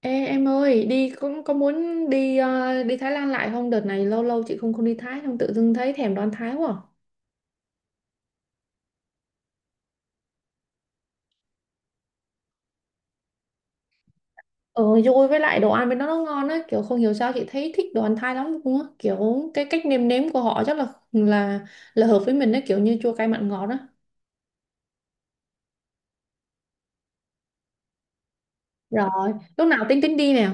Ê, em ơi, đi cũng có muốn đi đi Thái Lan lại không? Đợt này lâu lâu chị không không đi Thái, không tự dưng thấy thèm đồ ăn Thái quá. Ờ, vui với lại đồ ăn bên đó nó ngon á, kiểu không hiểu sao chị thấy thích đồ ăn Thái lắm luôn á, kiểu cái cách nêm nếm của họ chắc là hợp với mình á, kiểu như chua cay mặn ngọt á. Rồi, lúc nào tính tính đi nè.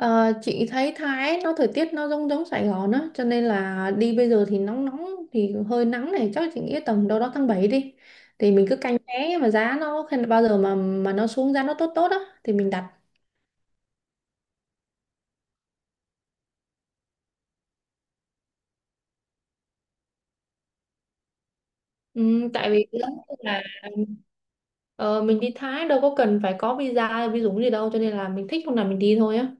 Ờ, chị thấy Thái nó thời tiết nó giống giống Sài Gòn á cho nên là đi bây giờ thì nóng nóng thì hơi nắng này, chắc chị nghĩ tầm đâu đó tháng 7 đi, thì mình cứ canh vé mà giá nó bao giờ mà nó xuống giá nó tốt tốt á thì mình đặt. Ừ, tại vì giống như là ờ, mình đi Thái đâu có cần phải có visa hay visum gì đâu, cho nên là mình thích hôm nào mình đi thôi á.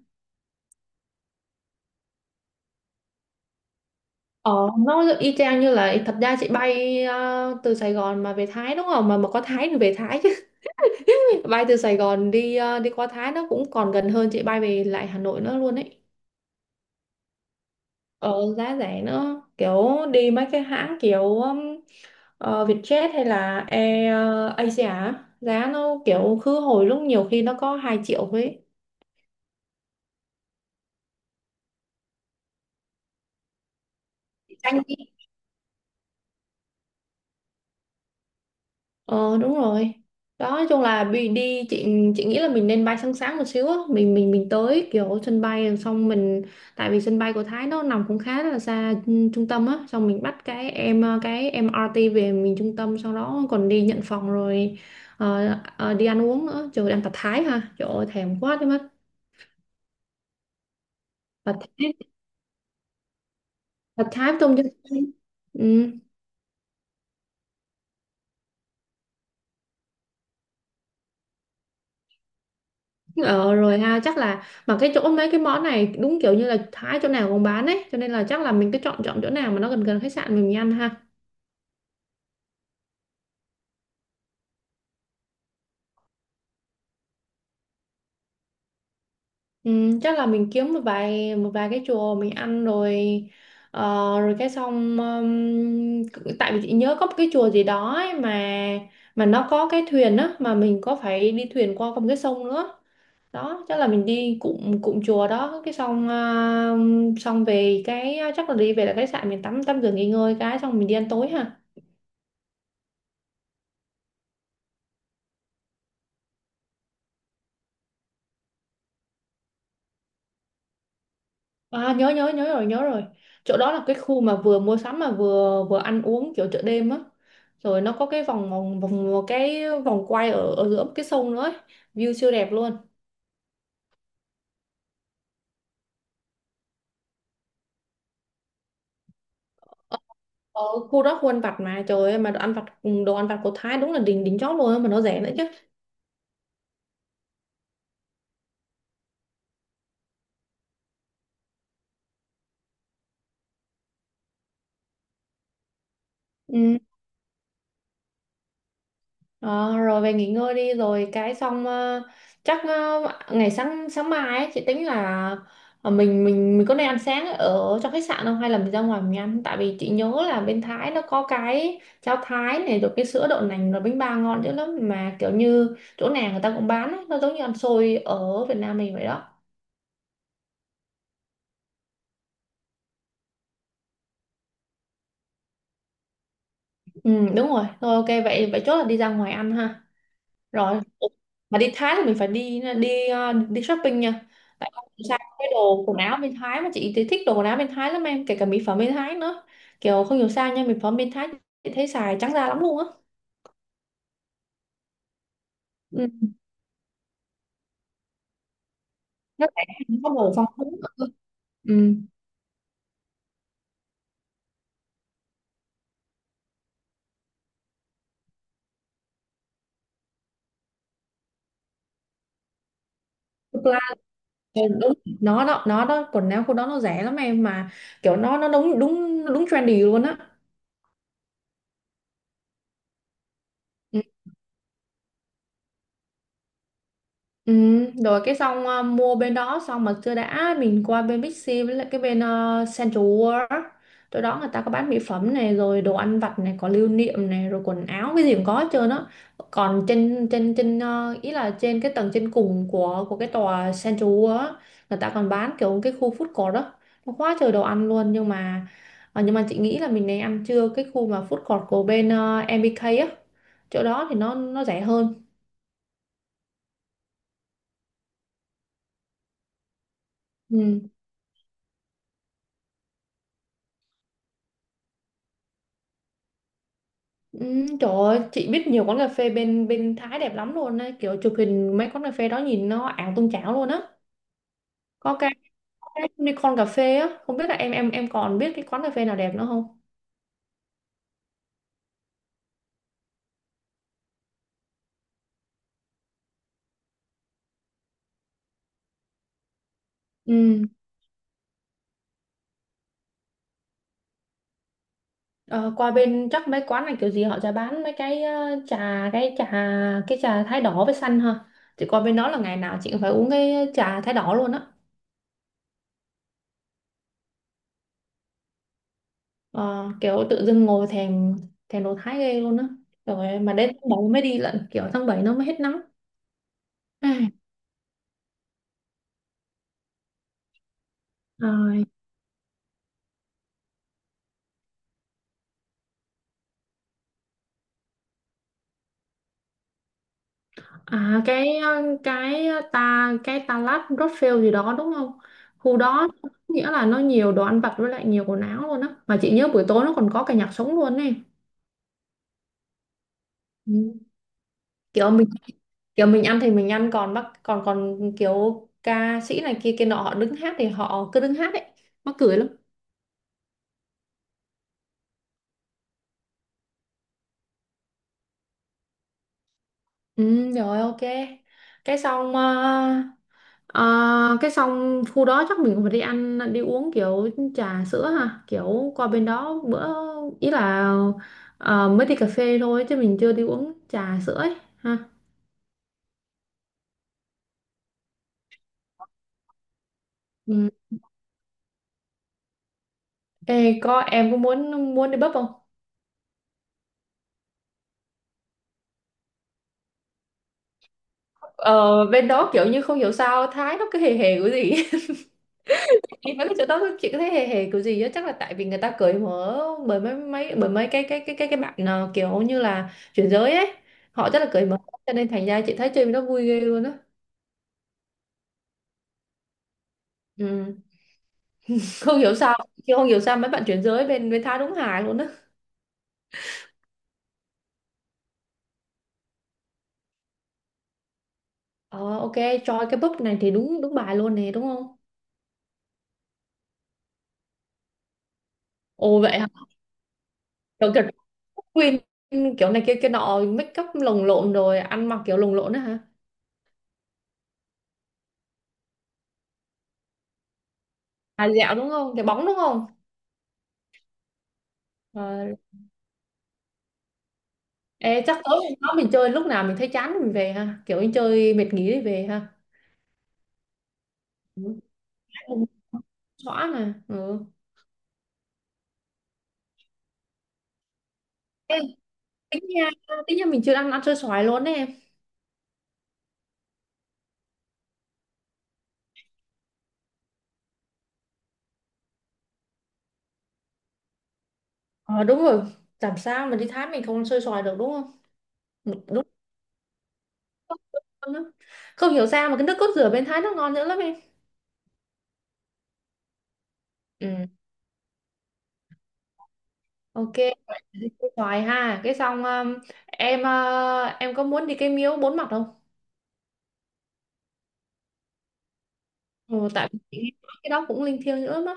Ờ, nó y chang như là, thật ra chị bay từ Sài Gòn mà về Thái đúng không? Mà có Thái thì về Thái chứ. Bay từ Sài Gòn đi đi qua Thái nó cũng còn gần hơn chị bay về lại Hà Nội nữa luôn ấy. Ờ, giá rẻ nữa, kiểu đi mấy cái hãng kiểu Vietjet hay là Air Asia á, giá nó kiểu khứ hồi lúc nhiều khi nó có 2 triệu ấy. Anh. Ờ, đúng rồi. Đó, nói chung là bị đi chị nghĩ là mình nên bay sáng sáng một xíu á, mình tới kiểu sân bay rồi xong mình, tại vì sân bay của Thái nó nằm cũng khá là xa trung tâm á, xong mình bắt cái MRT về mình trung tâm, sau đó còn đi nhận phòng rồi ờ, đi ăn uống nữa. Trời ơi, ăn tạt Thái ha. Trời ơi thèm quá đi mất. Tạt Thái, tạt Thái với tôm chân. Ừ. Ờ rồi ha, chắc là mà cái chỗ mấy cái món này đúng kiểu như là Thái chỗ nào cũng bán ấy, cho nên là chắc là mình cứ chọn chọn chỗ nào mà nó gần gần khách sạn mình ăn ha. Ừ, chắc là mình kiếm một vài cái chùa mình ăn rồi ờ, rồi cái xong tại vì chị nhớ có một cái chùa gì đó ấy, mà nó có cái thuyền á, mà mình có phải đi thuyền qua con cái sông nữa. Đó, chắc là mình đi cụm cụm chùa đó cái xong xong về cái chắc là đi về là khách sạn mình tắm tắm rửa nghỉ ngơi, cái xong mình đi ăn tối ha. À, nhớ nhớ nhớ rồi, nhớ rồi. Chỗ đó là cái khu mà vừa mua sắm mà vừa vừa ăn uống kiểu chợ đêm á, rồi nó có cái vòng vòng vòng cái vòng quay ở ở giữa cái sông nữa ấy. View siêu đẹp luôn. Ở khu đó, khu ăn vặt mà, trời ơi mà đồ ăn vặt, đồ ăn vặt của Thái đúng là đỉnh đỉnh chóp luôn á, mà nó rẻ nữa chứ. Ừ. Ờ, rồi về nghỉ ngơi đi rồi cái xong chắc ngày sáng sáng mai ấy, chị tính là mình có nên ăn sáng ở trong khách sạn không, hay là mình ra ngoài mình ăn, tại vì chị nhớ là bên Thái nó có cái cháo Thái này, rồi cái sữa đậu nành, rồi bánh bao ngon dữ lắm mà kiểu như chỗ nào người ta cũng bán ấy, nó giống như ăn xôi ở Việt Nam mình vậy đó. Ừ, đúng rồi, thôi ok vậy vậy chốt là đi ra ngoài ăn ha. Rồi. Ủa, mà đi Thái thì mình phải đi đi ờ, đi shopping nha, tại không sao cái đồ quần áo bên Thái, mà chị thì thích đồ quần áo bên Thái lắm em, kể cả mỹ phẩm bên Thái nữa. Kiểu không hiểu sao nha, mỹ phẩm bên Thái chị thấy xài trắng da lắm luôn á. Ừ. Nó rẻ, nó có đồ phong phú. Ừ. Thực ra là đúng, nó đó quần áo của nó rẻ lắm em, mà kiểu nó đúng đúng đúng trendy luôn á. Ừ, rồi cái xong mua bên đó xong mà chưa đã, mình qua bên Bixi với lại cái bên Central World á. Chỗ đó người ta có bán mỹ phẩm này, rồi đồ ăn vặt này, có lưu niệm này, rồi quần áo cái gì cũng có hết trơn á. Còn trên trên trên ờ, ý là trên cái tầng trên cùng của cái tòa Central World á, người ta còn bán kiểu cái khu food court đó, nó quá trời đồ ăn luôn, nhưng mà chị nghĩ là mình nên ăn trưa cái khu mà food court của bên MBK á, chỗ đó thì nó rẻ hơn. Ừ. Ừ, trời ơi, chị biết nhiều quán cà phê bên bên Thái đẹp lắm luôn á, kiểu chụp hình mấy quán cà phê đó nhìn nó ảo tung chảo luôn á. Có cái, có cái Unicorn cà phê á, không biết là em còn biết cái quán cà phê nào đẹp nữa không. Ừ. ờ, Qua bên chắc mấy quán này kiểu gì họ sẽ bán mấy cái trà, cái thái đỏ với xanh ha. Chị qua bên đó là ngày nào chị cũng phải uống cái trà thái đỏ luôn á. Ờ, Kiểu tự dưng ngồi thèm thèm đồ Thái ghê luôn á, rồi mà đến tháng 7 mới đi lận, kiểu tháng 7 nó mới hết nắng. Ai. Ờ. À, cái ờ, ta cái ta lát Rothschild gì đó đúng không? Khu đó nghĩa là nó nhiều đồ ăn vặt với lại nhiều quần áo luôn á. Mà chị nhớ buổi tối nó còn có cả nhạc sống luôn ấy. Ừ. Kiểu mình kiểu mình ăn thì mình ăn, còn bác còn còn kiểu ca sĩ này kia kia nọ họ đứng hát thì họ cứ đứng hát ấy. Mắc cười lắm. Ừ, rồi ok. Cái xong ờ, Ờ, cái xong khu đó chắc mình cũng phải đi ăn đi uống kiểu trà sữa ha, kiểu qua bên đó bữa, ý là mới đi cà phê thôi chứ mình chưa đi uống trà sữa ấy ha. Ừ. Ê, em có muốn muốn đi bắp không? Ờ, bên đó kiểu như không hiểu sao Thái nó cứ hề hề cái gì đi mấy cái chỗ đó chị có thấy hề hề kiểu gì á, chắc là tại vì người ta cởi mở, bởi mấy cái bạn kiểu như là chuyển giới ấy, họ rất là cởi mở, cho nên thành ra chị thấy chơi bên đó vui ghê luôn á. Ừ. không hiểu sao không hiểu sao mấy bạn chuyển giới bên bên tha đúng hài luôn á. Ờ ok. Choi cái búp này thì đúng đúng bài luôn nè đúng không. Ồ vậy hả, kiểu kiểu queen kiểu này kia kia nọ, make up lồng lộn rồi ăn mặc kiểu lồng lộn á hả. À dạo đúng không, cái bóng đúng không. Ờ. Ê, chắc tối hôm đó mình chơi lúc nào mình thấy chán mình về ha, kiểu mình chơi mệt nghỉ thì về ha. Ừ. Xóa mà. Ừ. Ê, tính nha tính nha mình chưa ăn ăn xôi xoài luôn đấy em. Ờ đúng rồi, làm sao mà đi Thái mình không ăn xôi xoài được đúng không. Đúng, ngon lắm. Không hiểu sao mà cái nước cốt dừa bên Thái nó ngon nữa lắm em. Ừ, ok. Vậy thì cái xoài ha cái xong, em có muốn đi cái miếu bốn mặt không. Ừ, tại vì chị nghe nói cái đó cũng linh thiêng nữa mà.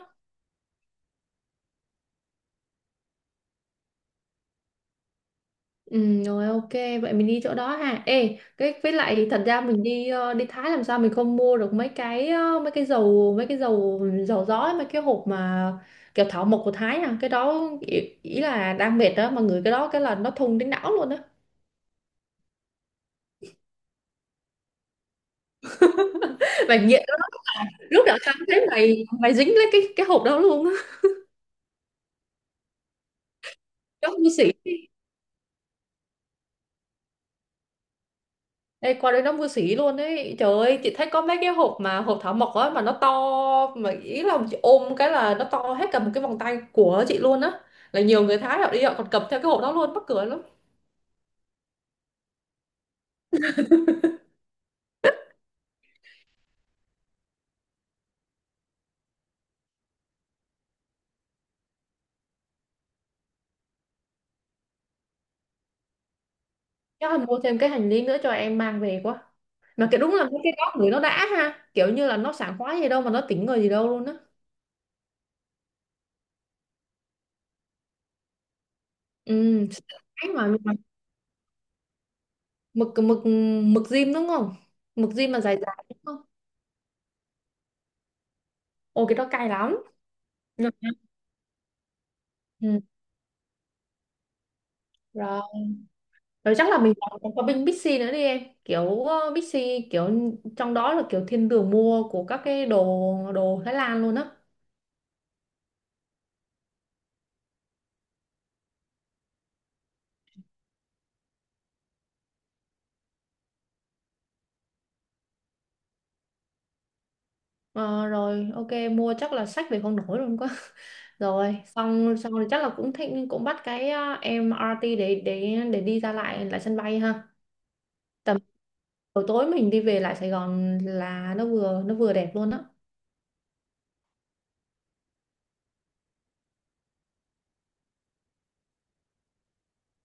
Ừ, rồi ok, vậy mình đi chỗ đó ha. Ê cái với lại thật ra mình đi đi Thái làm sao mình không mua được mấy cái dầu dầu gió ấy, mấy cái hộp mà kiểu thảo mộc của Thái à, cái đó ý là đang mệt đó mà người cái đó cái là nó thùng đến não luôn á. Và nghiện, lúc đó tao thấy mày mày dính lấy cái hộp đó luôn á. Nó vô sỉ. Ê, qua đây nó vô sỉ luôn ấy, trời ơi chị thấy có mấy cái hộp mà hộp thảo mộc á mà nó to, mà ý là chị ôm cái là nó to hết cả một cái vòng tay của chị luôn á, là nhiều người Thái họ đi họ còn cầm theo cái hộp đó luôn, mắc cười lắm. Chắc là mua thêm cái hành lý nữa cho em mang về quá. Mà cái đúng là mấy cái đó người nó đã ha, kiểu như là nó sảng khoái gì đâu mà nó tỉnh người gì đâu luôn á. Ừ. Cái mà mực, mực diêm đúng không, mực diêm mà dài dài đúng không. Ôi cái đó cay lắm. Ừ. Ừ. Rồi. Rồi chắc là mình còn còn có bên Bixi nữa đi em. Kiểu Bixi kiểu trong đó là kiểu thiên đường mua của các cái đồ đồ Thái Lan luôn á. Ờ, rồi ok, mua chắc là sách về không nổi luôn quá. Rồi xong xong rồi, chắc là cũng thích cũng bắt cái MRT để đi ra lại lại sân bay ha. Tầm buổi tối mình đi về lại Sài Gòn là nó vừa đẹp luôn á.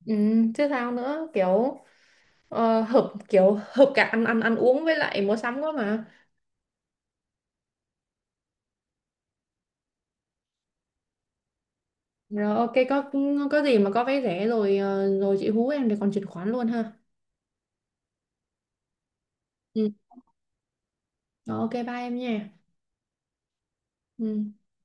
Ừ, chứ sao nữa, kiểu. Ờ, hợp cả ăn ăn ăn uống với lại mua sắm quá mà. Rồi ok, có gì mà có vé rẻ rồi rồi chị hú em để còn chuyển khoản luôn ha. Ừ. Rồi, ok bye em nha. Ừ.